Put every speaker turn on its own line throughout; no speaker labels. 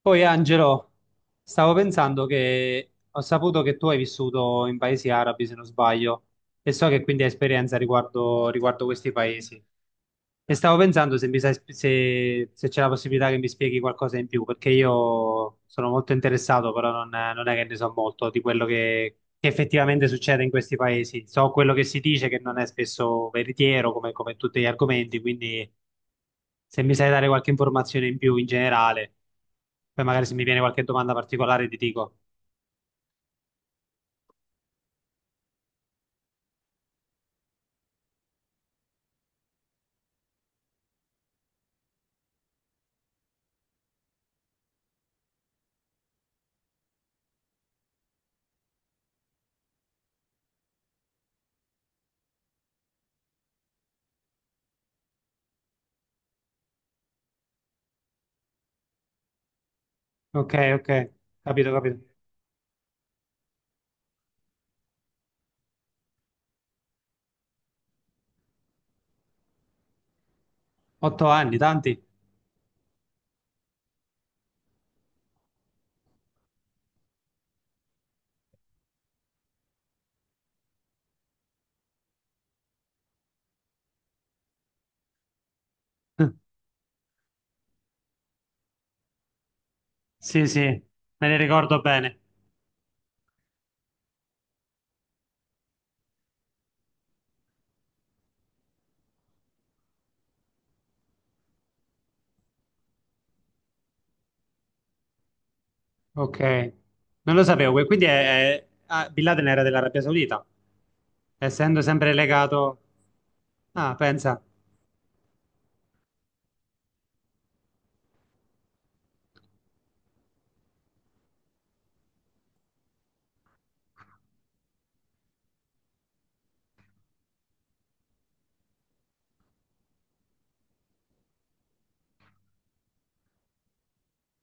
Poi Angelo, stavo pensando che ho saputo che tu hai vissuto in paesi arabi, se non sbaglio, e so che quindi hai esperienza riguardo questi paesi. E stavo pensando se, mi sai- sp- se- se c'è la possibilità che mi spieghi qualcosa in più, perché io sono molto interessato, però non è che ne so molto di quello che effettivamente succede in questi paesi. So quello che si dice, che non è spesso veritiero, come tutti gli argomenti, quindi se mi sai dare qualche informazione in più in generale, poi magari se mi viene qualche domanda particolare ti dico. Ok, ok, capito, capito. 8 anni, tanti? Sì, sì, me ne ricordo bene. Ok, non lo sapevo, quindi ah, Bin Laden era dell'Arabia Saudita, essendo sempre legato. Ah, pensa,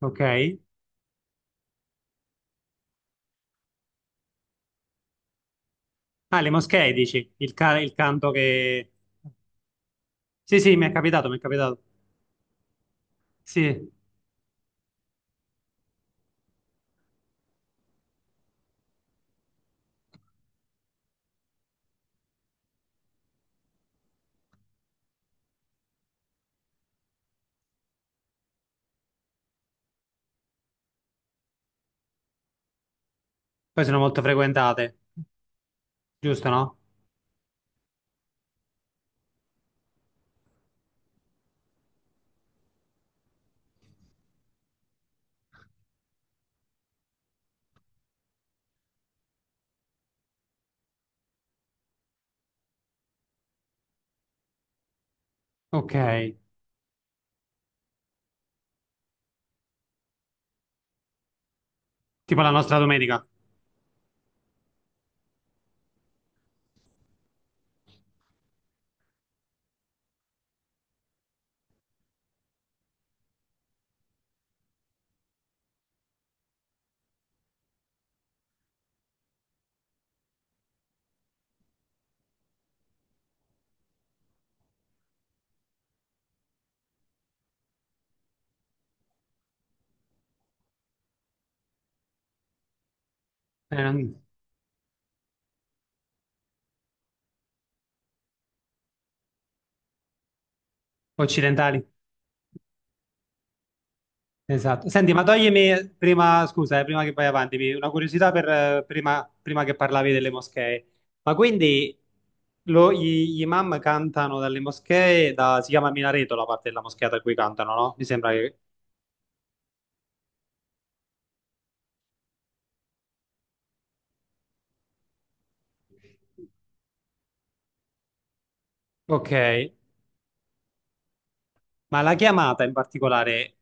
ok. Ah, le moschee, dici, il canto che. Sì, sì, mi è capitato, mi è capitato. Sì, poi sono molto frequentate, giusto, no? Ok, tipo la nostra domenica. Eh, Occidentali. Esatto. Senti, ma toglimi prima, scusa, prima che vai avanti, una curiosità per, prima che parlavi delle moschee. Ma quindi gli imam cantano dalle moschee, si chiama minareto la parte della moschea da cui cantano, no? Mi sembra che. Ok, ma la chiamata in particolare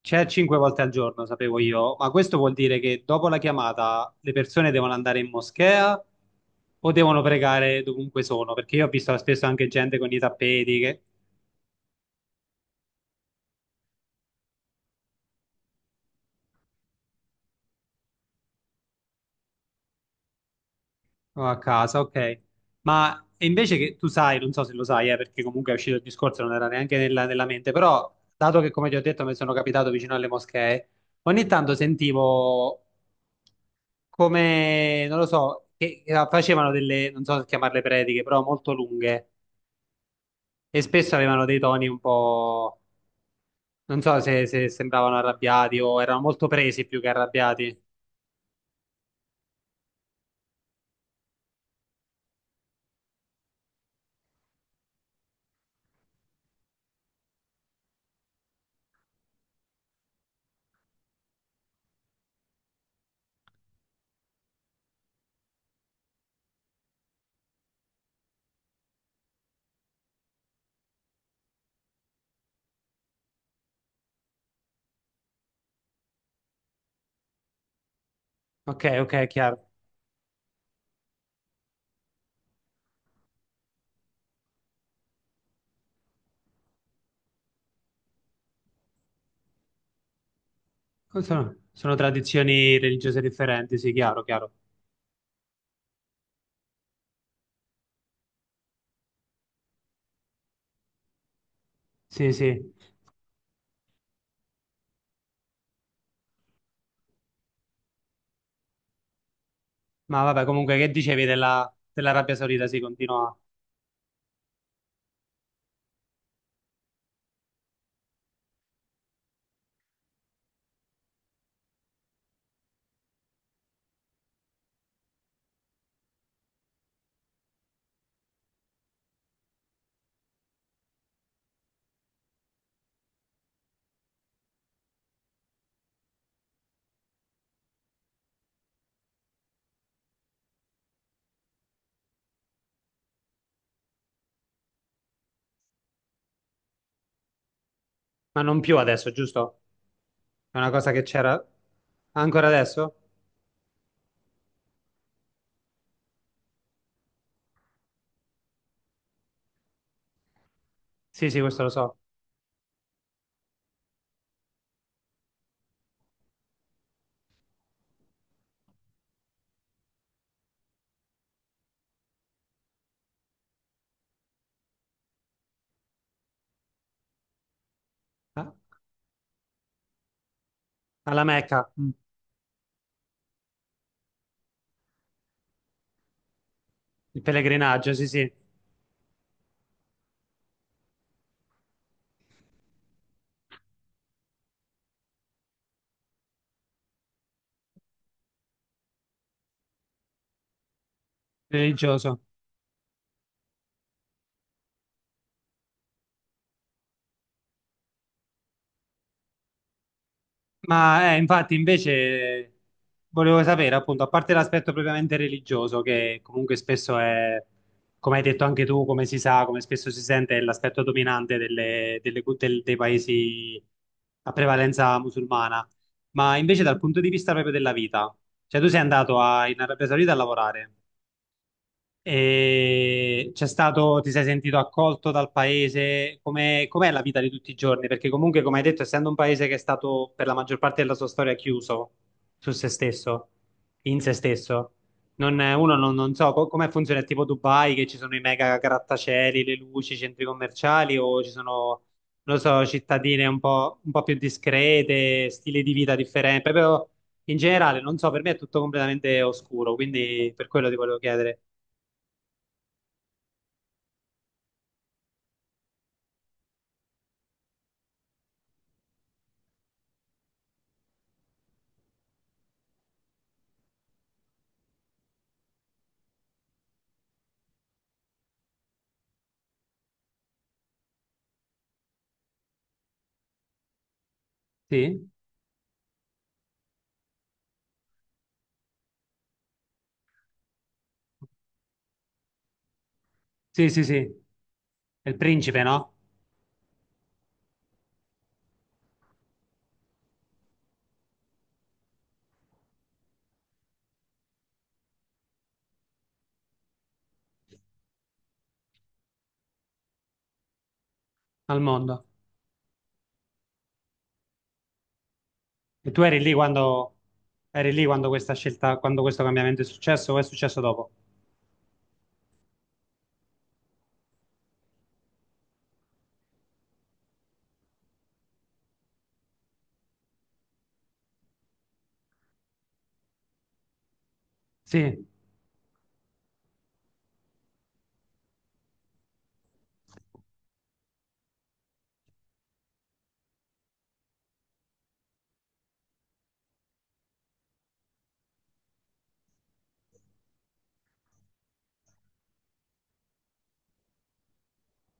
c'è 5 volte al giorno, sapevo io, ma questo vuol dire che dopo la chiamata le persone devono andare in moschea o devono pregare dovunque sono? Perché io ho visto spesso anche gente con i tappeti che. O a casa, ok. Ma e invece che tu sai, non so se lo sai, perché comunque è uscito il discorso, non era neanche nella mente, però dato che come ti ho detto mi sono capitato vicino alle moschee, ogni tanto sentivo come, non lo so, che facevano delle, non so se chiamarle prediche, però molto lunghe e spesso avevano dei toni un po', non so se sembravano arrabbiati o erano molto presi più che arrabbiati. Ok, ok, chiaro. Oh, sono tradizioni religiose differenti, sì, chiaro, chiaro. Sì, sì. Ma vabbè, comunque, che dicevi dell'Arabia Saudita? Sì, continua. Ma non più adesso, giusto? È una cosa che c'era ancora adesso? Sì, sì, questo lo so. Ah, alla Mecca, mm, il pellegrinaggio, sì, sì. Religioso. Ma infatti, invece, volevo sapere, appunto, a parte l'aspetto propriamente religioso, che comunque spesso è, come hai detto anche tu, come si sa, come spesso si sente, è l'aspetto dominante dei paesi a prevalenza musulmana, ma invece dal punto di vista proprio della vita, cioè tu sei andato in Arabia Saudita a lavorare. E c'è stato, ti sei sentito accolto dal paese? Com'è, com'è la vita di tutti i giorni? Perché comunque, come hai detto, essendo un paese che è stato per la maggior parte della sua storia chiuso su se stesso, in se stesso, non, uno non so come funziona, è tipo Dubai, che ci sono i mega grattacieli, le luci, i centri commerciali, o ci sono, non lo so, cittadine un po' più discrete, stili di vita differenti, proprio in generale, non so, per me è tutto completamente oscuro, quindi per quello ti volevo chiedere. Sì? Sì, sì, sì. È il principe, no? Al mondo. E tu eri lì quando, eri lì quando questo cambiamento è successo, o è successo dopo? Sì.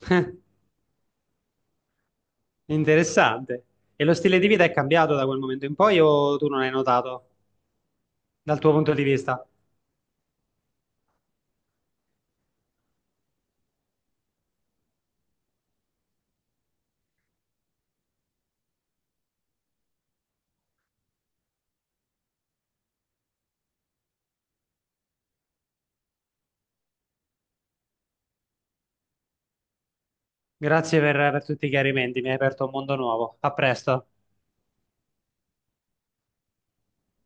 Interessante. E lo stile di vita è cambiato da quel momento in poi o tu non hai notato dal tuo punto di vista? Grazie per tutti i chiarimenti, mi hai aperto un mondo nuovo. A presto.